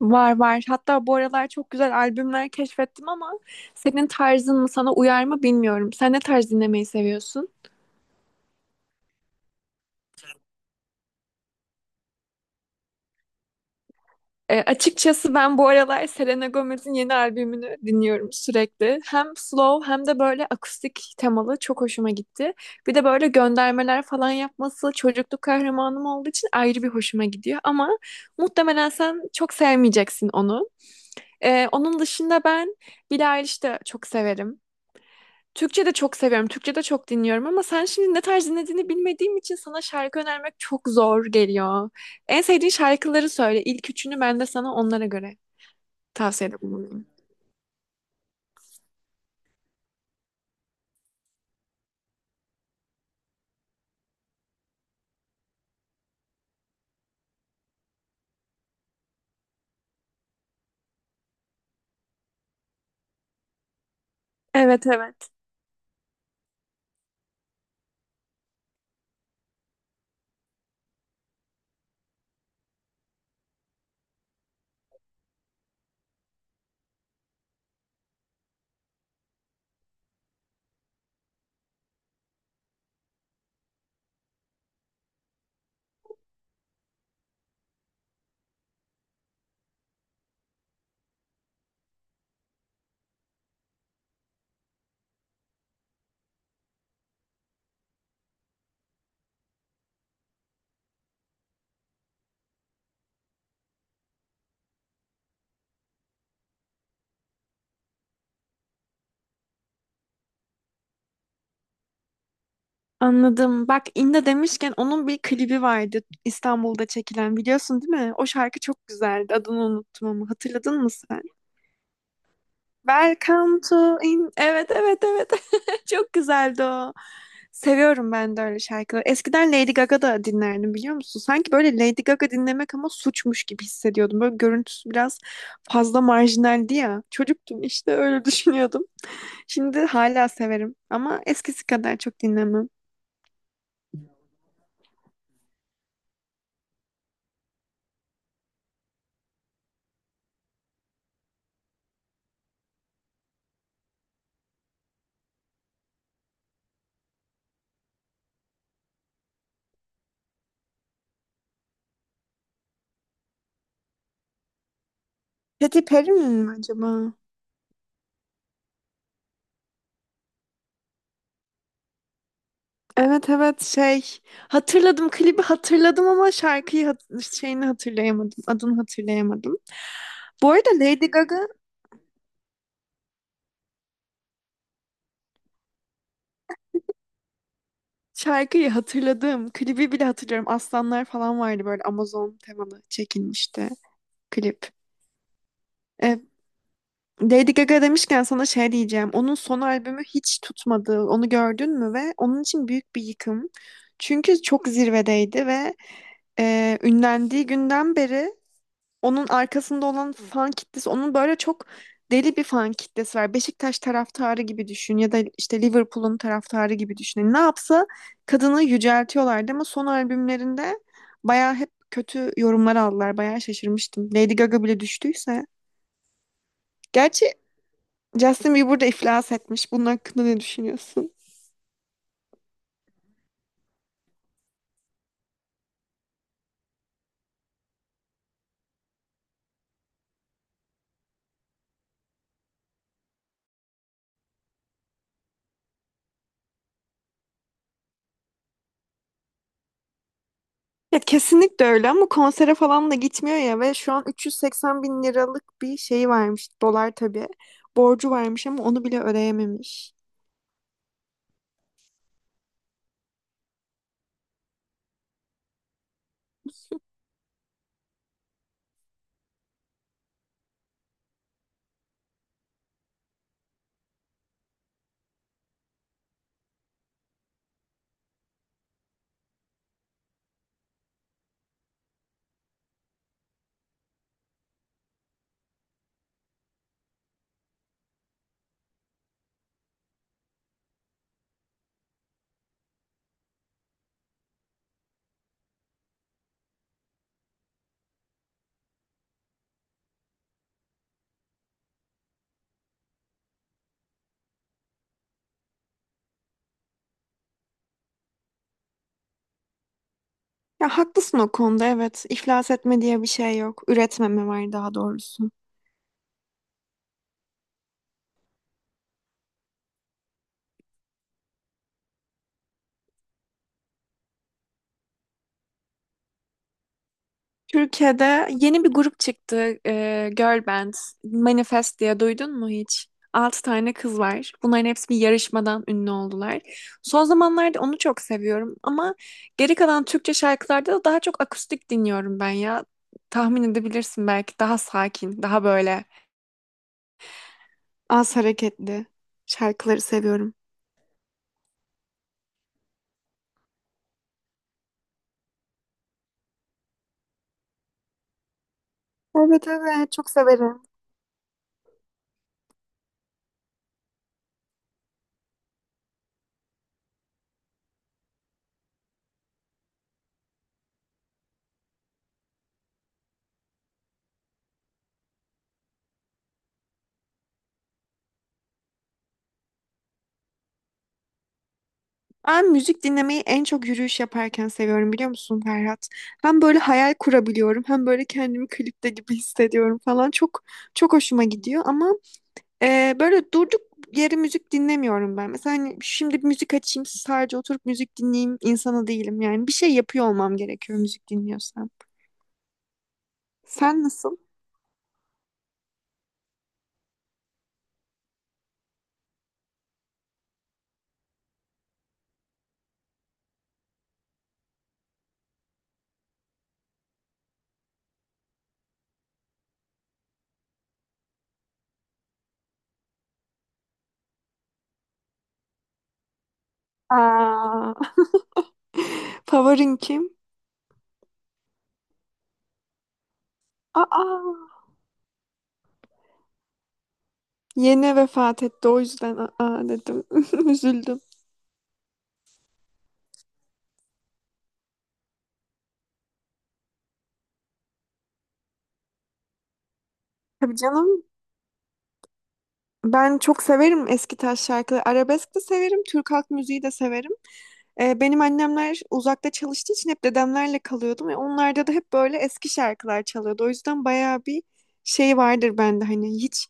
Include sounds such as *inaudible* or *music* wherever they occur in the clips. Var var. Hatta bu aralar çok güzel albümler keşfettim ama senin tarzın mı sana uyar mı bilmiyorum. Sen ne tarz dinlemeyi seviyorsun? Açıkçası ben bu aralar Selena Gomez'in yeni albümünü dinliyorum sürekli. Hem slow hem de böyle akustik temalı çok hoşuma gitti. Bir de böyle göndermeler falan yapması çocukluk kahramanım olduğu için ayrı bir hoşuma gidiyor. Ama muhtemelen sen çok sevmeyeceksin onu. Onun dışında ben Billie Eilish'i de çok severim. Türkçe de çok seviyorum. Türkçe de çok dinliyorum ama sen şimdi ne tarz dinlediğini bilmediğim için sana şarkı önermek çok zor geliyor. En sevdiğin şarkıları söyle. İlk üçünü ben de sana onlara göre tavsiyede bulunayım. Evet evet. Anladım. Bak İnda demişken onun bir klibi vardı İstanbul'da çekilen biliyorsun değil mi? O şarkı çok güzeldi. Adını unuttum ama hatırladın mı sen? Welcome to in... Evet evet evet. *laughs* Çok güzeldi o. Seviyorum ben de öyle şarkıları. Eskiden Lady Gaga da dinlerdim biliyor musun? Sanki böyle Lady Gaga dinlemek ama suçmuş gibi hissediyordum. Böyle görüntüsü biraz fazla marjinaldi ya. Çocuktum işte öyle *laughs* düşünüyordum. Şimdi hala severim ama eskisi kadar çok dinlemem. Katy Perry mi acaba? Evet evet, şey, hatırladım, klibi hatırladım ama şarkıyı şeyini hatırlayamadım, adını hatırlayamadım. Bu arada Lady Gaga. Şarkıyı hatırladım. Klibi bile hatırlıyorum. Aslanlar falan vardı, böyle Amazon temalı çekilmişti klip. E, Lady Gaga demişken sana şey diyeceğim. Onun son albümü hiç tutmadı. Onu gördün mü? Ve onun için büyük bir yıkım. Çünkü çok zirvedeydi ve ünlendiği günden beri onun arkasında olan fan kitlesi, onun böyle çok deli bir fan kitlesi var. Beşiktaş taraftarı gibi düşün ya da işte Liverpool'un taraftarı gibi düşün. Yani ne yapsa kadını yüceltiyorlardı ama son albümlerinde bayağı hep kötü yorumlar aldılar. Bayağı şaşırmıştım. Lady Gaga bile düştüyse. Gerçi Justin Bieber de iflas etmiş. Bunun hakkında ne düşünüyorsun? Ya kesinlikle öyle ama konsere falan da gitmiyor ya ve şu an 380 bin liralık bir şeyi varmış. Dolar tabii. Borcu varmış ama onu bile ödeyememiş. Ya haklısın o konuda, evet. İflas etme diye bir şey yok. Üretmeme var daha doğrusu. Türkiye'de yeni bir grup çıktı. Girl Band. Manifest diye duydun mu hiç? Altı tane kız var. Bunların hepsi bir yarışmadan ünlü oldular. Son zamanlarda onu çok seviyorum ama geri kalan Türkçe şarkılarda da daha çok akustik dinliyorum ben ya. Tahmin edebilirsin, belki daha sakin, daha böyle az hareketli şarkıları seviyorum. Evet evet, çok severim. Ben müzik dinlemeyi en çok yürüyüş yaparken seviyorum biliyor musun Ferhat? Hem böyle hayal kurabiliyorum hem böyle kendimi klipte gibi hissediyorum falan. Çok çok hoşuma gidiyor ama böyle durduk yere müzik dinlemiyorum ben. Mesela hani şimdi bir müzik açayım sadece oturup müzik dinleyeyim insanı değilim yani. Bir şey yapıyor olmam gerekiyor müzik dinliyorsam. Sen nasıl? Aa, *laughs* favorin kim? Aa, yeni vefat etti o yüzden aa dedim. *laughs* Üzüldüm. Tabii canım. Ben çok severim eski taş şarkıları. Arabesk de severim, Türk halk müziği de severim. Benim annemler uzakta çalıştığı için hep dedemlerle kalıyordum ve onlarda da hep böyle eski şarkılar çalıyordu. O yüzden bayağı bir şey vardır bende, hani hiç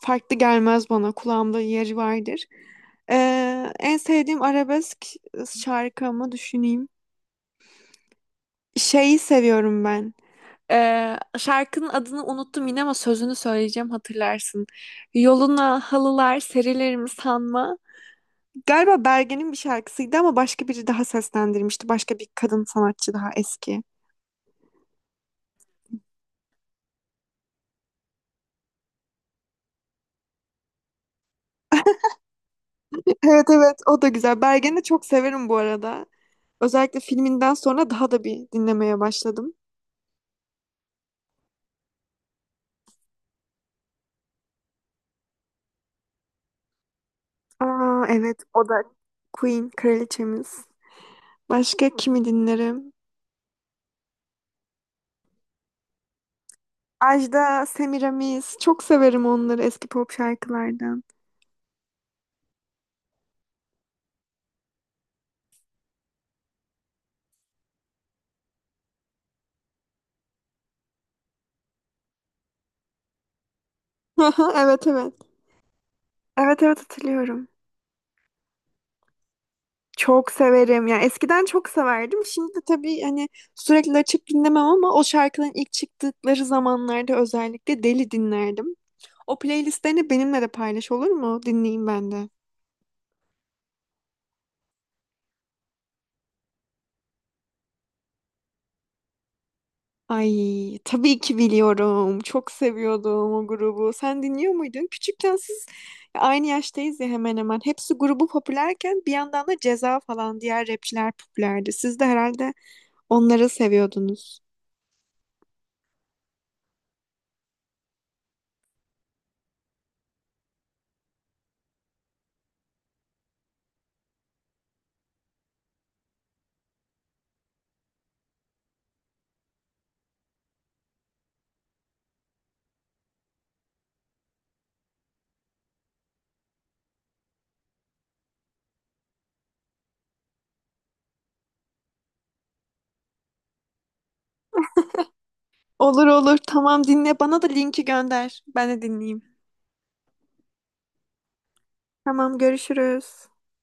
farklı gelmez bana, kulağımda yeri vardır. En sevdiğim arabesk şarkımı düşüneyim. Şeyi seviyorum ben. Şarkının adını unuttum yine ama sözünü söyleyeceğim, hatırlarsın. Yoluna halılar serilerim sanma. Galiba Bergen'in bir şarkısıydı ama başka biri daha seslendirmişti. Başka bir kadın sanatçı, daha eski. *laughs* Evet evet, o da güzel. Bergen'i de çok severim bu arada. Özellikle filminden sonra daha da bir dinlemeye başladım. Aa evet, o da Queen, kraliçemiz. Başka kimi dinlerim? Ajda, Semiramis. Çok severim onları, eski pop şarkılardan. *laughs* Evet evet. Evet evet, hatırlıyorum. Çok severim. Yani eskiden çok severdim. Şimdi tabii hani sürekli açıp dinlemem ama o şarkıların ilk çıktıkları zamanlarda özellikle deli dinlerdim. O playlistlerini benimle de paylaş olur mu? Dinleyeyim ben de. Ay, tabii ki biliyorum. Çok seviyordum o grubu. Sen dinliyor muydun? Küçükken siz, aynı yaştayız ya hemen hemen. Hepsi grubu popülerken bir yandan da Ceza falan diğer rapçiler popülerdi. Siz de herhalde onları seviyordunuz. Olur olur. Tamam dinle. Bana da linki gönder. Ben de dinleyeyim. Tamam görüşürüz.